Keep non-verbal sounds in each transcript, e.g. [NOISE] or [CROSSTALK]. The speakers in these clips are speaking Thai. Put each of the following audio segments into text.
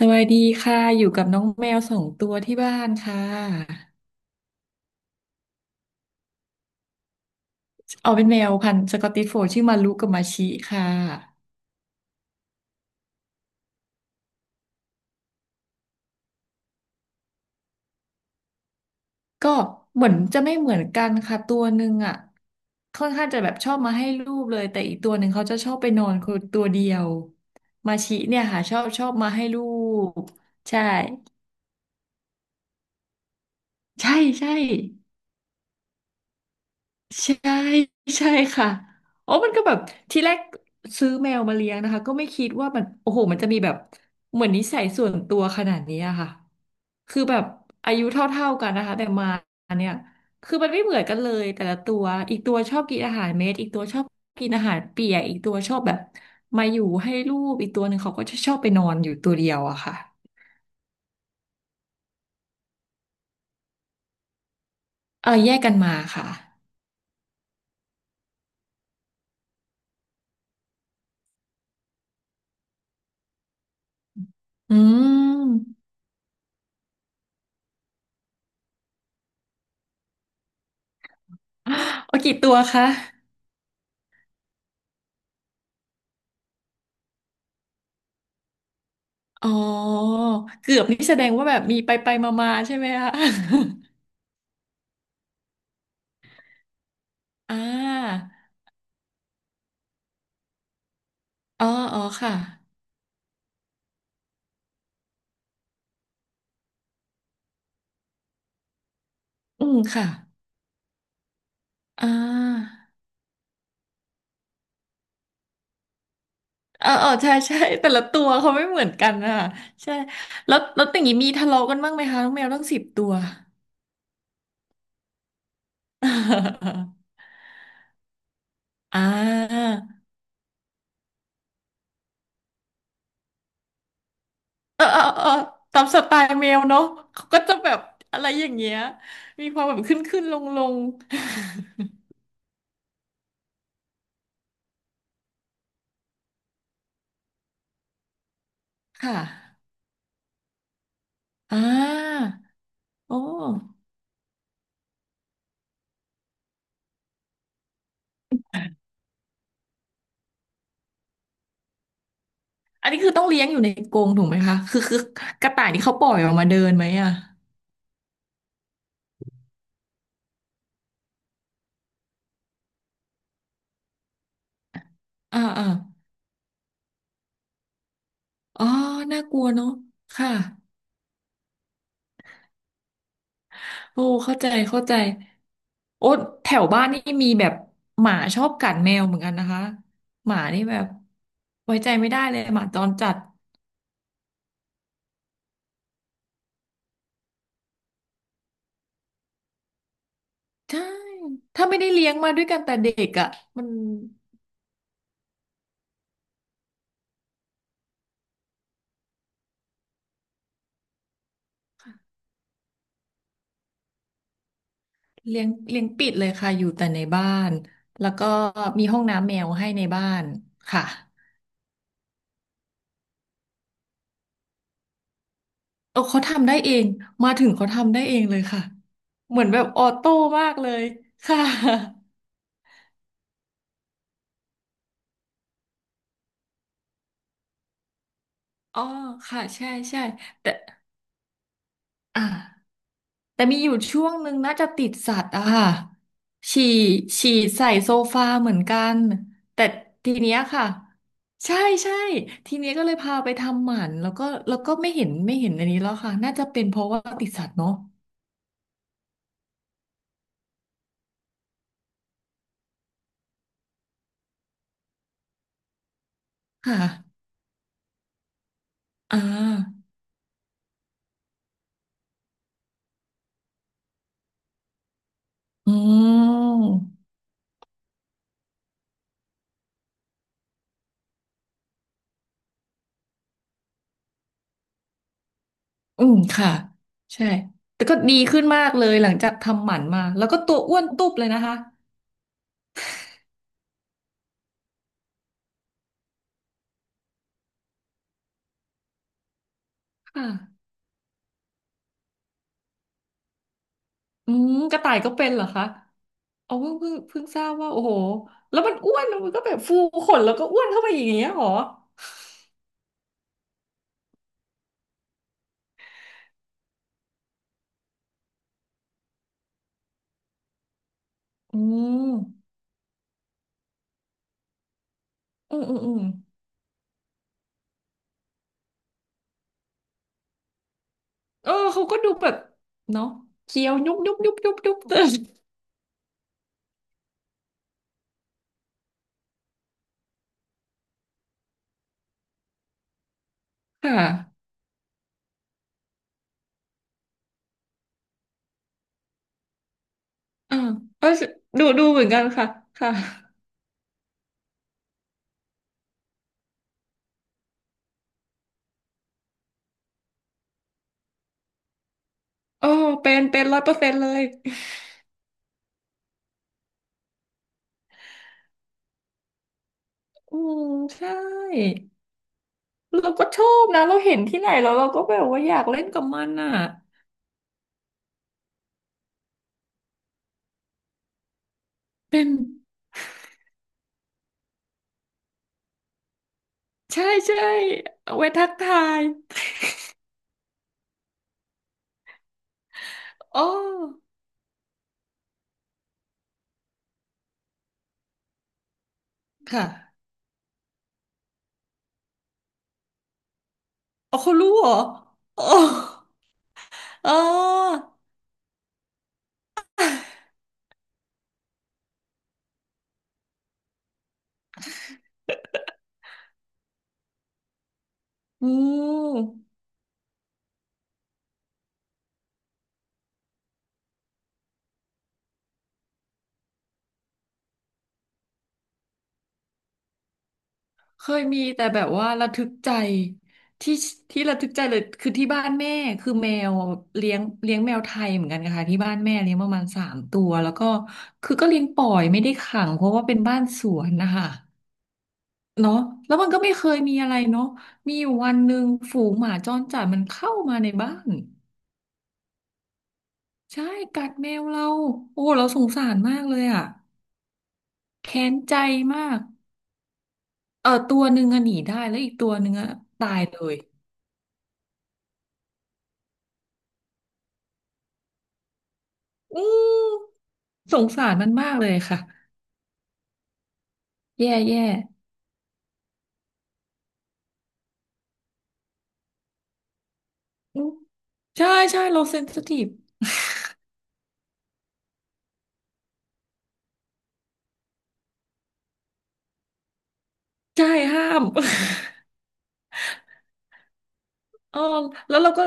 สวัสดีค่ะอยู่กับน้องแมวสองตัวที่บ้านค่ะเอาเป็นแมวพันธุ์สกอตติชโฟลด์ชื่อมารุกับมาชิค่ะก็เหมือนจะไม่เหมือนกันค่ะตัวหนึ่งอ่ะค่อนข้างจะแบบชอบมาให้รูปเลยแต่อีกตัวหนึ่งเขาจะชอบไปนอนคนตัวเดียวมาชิเนี่ยค่ะชอบมาให้รูปใช่ใช่ใช่ ใช่ใช่ค่ะโอ้มันก็แบบทีแรกซื้อแมวมาเลี้ยงนะคะก็ไม่คิดว่ามันโอ้โหมันจะมีแบบเหมือนนิสัยส่วนตัวขนาดนี้อะค่ะคือแบบอายุเท่าๆกันนะคะแต่มาเนี่ยคือมันไม่เหมือนกันเลยแต่ละตัวอีกตัวชอบกินอาหารเม็ดอีกตัวชอบกินอาหารเปียกอีกตัวชอบแบบมาอยู่ให้ลูกอีกตัวหนึ่งเขาก็จะชอบไปนอนอยู่ตัวเดียวอะค่ะเออแยกกันมาค่ะอืม [GASPS] เอากี่ตัวคะ อ๋อเกือบนี่แสดงว่าแบบมีไปไปมามาๆใช่ไหมคะ [LAUGHS] อ่าอ๋ออ๋อค่ะ อืมค่ะ อ่าเออใช่ใช่ [LAUGHS] แต่ละตัวเขาไม่เหมือนกันอ่ะใช่แล้วแล้วอย่างนี้มีทะเลาะกันบ้างไหมคะน้องแมวตั้งสิบตัว [LAUGHS] อ่าเออเออเออตามสไตล์แมวเนาะเขาก็จะแบบอะไรอย่างเงี้ยมีความแบบขึ้นขึ้นลงลงๆ [LAUGHS] ค่ะ อ่าโอ้ อันนี้คือต้องเลี้ยงอยู่ในกรงถูกไหมคะคือคือกระต่ายนี่เขาปล่อยออกมาเดินไหมอ่ะอ่าอ่าอ๋อน่ากลัวเนาะค่ะโอ้เข้าใจเข้าใจโอ้แถวบ้านนี่มีแบบหมาชอบกัดแมวเหมือนกันนะคะหมานี่แบบไว้ใจไม่ได้เลยหมาจรจัดใช่ถ้าไม่ได้เลี้ยงมาด้วยกันแต่เด็กอ่ะมันเลี้ยงปิดเลยค่ะอยู่แต่ในบ้านแล้วก็มีห้องน้ำแมวให้ในบ้านค่ะ เออเขาทำได้เองมาถึงเขาทำได้เองเลยค่ะเหมือนแบบออโต้มากเลยค่ะอ๋อค่ะใช่ใช่แต่อ่าแต่มีอยู่ช่วงหนึ่งน่าจะติดสัตว์อะค่ะฉี่ฉี่ใส่โซฟาเหมือนกันแต่ทีเนี้ยค่ะใช่ใช่ทีเนี้ยก็เลยพาไปทำหมันแล้วก็แล้วก็ไม่เห็นอันนี้แล้วค่ะน่าจะเป็นเพราะว่าติดสัตว์เนาะค่ะอ่าอืม อืมค่ะใช่แต่ก็ดีขึ้นมากเลยหลังจากทำหมันมาแล้วก็ตัวอ้วนตุ๊บเลยนะคะค่ะอืมกระต่ายก็เป็นเหรอคะเอาเพิ่งทราบว่าโอ้โหแล้วมันอ้วนมันก็แบบฟูขนแล้วก็อ้วนเข้าไปอย่างเงี้ยเหรออืมอืมอืมอืมเออเขาก็ดูแบบเนาะเคี้ยวยุบยุบยุบยุบยุบเตือนค่ะอ่าเออดูเหมือนกันค่ะค่ะโอ้เป็นเป็นร้อยเปอร์เซ็นต์เลยอืมใช่ เราก็ชอบนะเราเห็นที่ไหนแล้วเราก็แบบว่าอยากเล่นกับมันอ่ะเป็นใช่ใช่เอาไว้ทักทายอ๋อค่ะเอาเขารู้เหรออ๋ออ๋ออืมเคยมีแต่แบบว่าระทึกใจที่ที่ระทึกใจเลยคือที่บ้านแม่คือแมวเลี้ยงแมวไทยเหมือนกันนะคะที่บ้านแม่เลี้ยงประมาณสามตัวแล้วก็คือก็เลี้ยงปล่อยไม่ได้ขังเพราะว่าเป็นบ้านสวนนะคะ เนาะแล้วมันก็ไม่เคยมีอะไรเนาะมีอยู่วันหนึ่งฝูงหมาจรจัดมันเข้ามาในบ้านใช่กัดแมวเราโอ้เราสงสารมากเลยอ่ะแค้นใจมากเออตัวหนึ่งอะหนีได้แล้วอีกตัวหนึ่งอะตายเลยอืมสงสารมันมากเลยค่ะแย่แย่อืมใช่ใช่เราเซนซิทีฟใช่ห้าม [LAUGHS] เออแล้วเราก็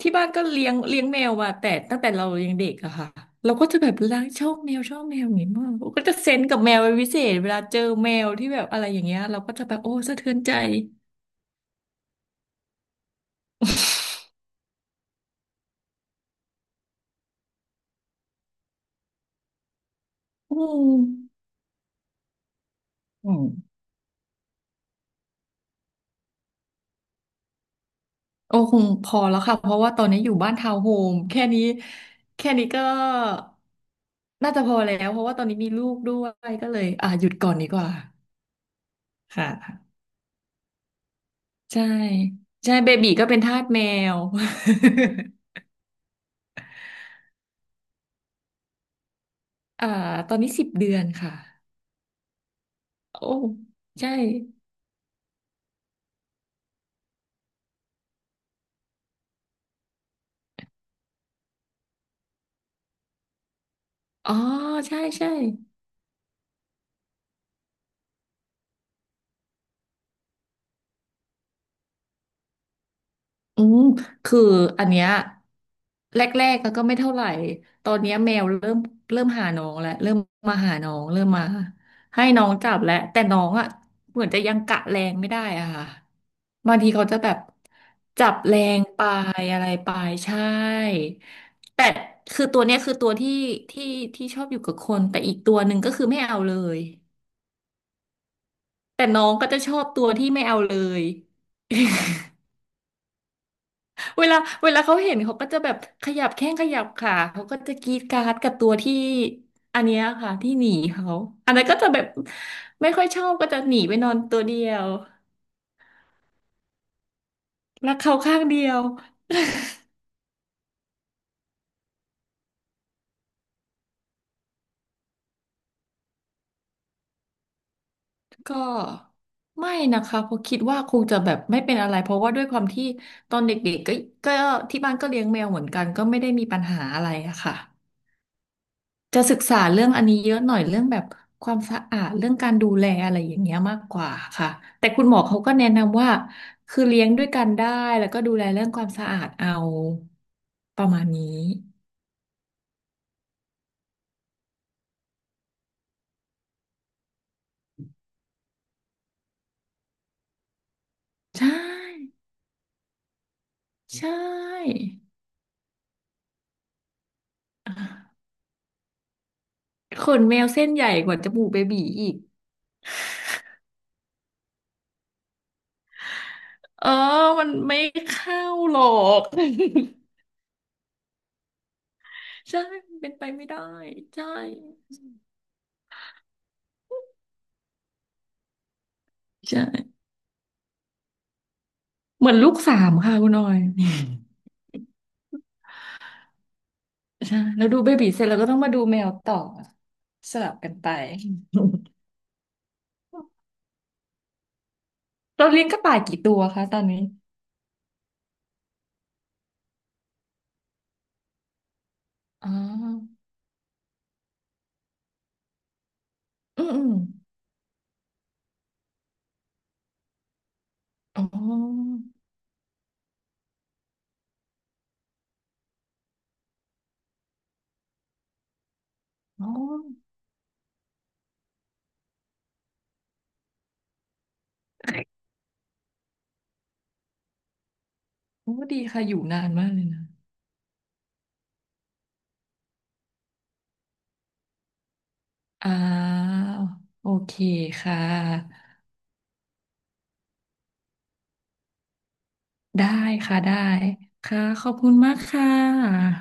ที่บ้านก็เลี้ยงแมวมาแต่ตั้งแต่เรายังเด็กอะค่ะเราก็จะแบบรักชอบแมวอย่างนี้มากก็จะเซนส์กับแมวเป็นพิเศษเวลาเจอแมวที่แบบอะไรอย่างเงี้ยเราก็จะแบบโอ้สะเทือนใจ [LAUGHS] อืมอืมโอ้คงพอแล้วค่ะเพราะว่าตอนนี้อยู่บ้านทาวน์โฮมแค่นี้แค่นี้ก็น่าจะพอแล้วเพราะว่าตอนนี้มีลูกด้วยก็เลยอ่ะหยุดก่อนดีกว่าค่ะใช่ใช่เบบีก็เป็นทาสแมว อ่าตอนนี้สิบเดือนค่ะโอ้ใช่อ๋อใช่ใช่อืมคืออันเนี้ยแรกๆก็ไม่เท่าไหร่ตอนเนี้ยแมวเริ่มหาน้องแล้วเริ่มมาหาน้องเริ่มมาให้น้องจับแล้วแต่น้องอ่ะเหมือนจะยังกะแรงไม่ได้อะค่ะบางทีเขาจะแบบจับแรงไปอะไรไปใช่แต่คือตัวเนี้ยคือตัวที่ที่ชอบอยู่กับคนแต่อีกตัวหนึ่งก็คือไม่เอาเลย แต่น้องก็จะชอบตัวที่ไม่เอาเลย [LAUGHS] เวลา เวลาเขาเห็นเขาก็จะแบบขยับแข้งขยับขาเขาก็จะกรี๊ดกราร์ดกับตัวที่อันเนี้ยค่ะที่หนีเขาอันนั้นก็จะแบบไม่ค่อยชอบก็จะหนีไปนอนตัวเดียวรักเขาข้างเดียวก็ไม่นะคะเพราะคิดว่าคงจะแบบไม่เป็นอะไรเพราะว่าด้วยความที่ตอนเด็กๆก็ก็ที่บ้านก็เลี้ยงแมวเหมือนกันก็ไม่ได้มีปัญหาอะไรอะค่ะ จะศึกษาเรื่องอันนี้เยอะหน่อยเรื่องแบบความสะอาดเรื่องการดูแลอะไรอย่างเงี้ยมากกว่าค่ะแต่คุณหมอเขาก็แนะนำว่าคือเลี้ยงด้วยกันได้แล้วก็ดูแลเรื่องความสะอาดเอาประมาณนี้ใช่ใช่อ่ะขนแมวเส้นใหญ่กว่าจมูกเบบีอีกเออมันไม่เข้าหรอก [LAUGHS] ใช่มันเป็นไปไม่ได้ใช่ใช่เหมือนลูกสามค่ะคุณออย ใช่แล้วดูเบบีเสร็จแล้วก็ต้องมาดูแมวต่อสลับกันไป [LAUGHS] เราเลี้ยงกระต่ายกี่ตัวคะตอนนี้อ๋ออืมอืมอ๋ออ๋อโอ้ดีค่ะอยู่นานมากเลยนะอ่าโอเคค่ะได้ค่ะได้ค่ะขอบคุณมากค่ะ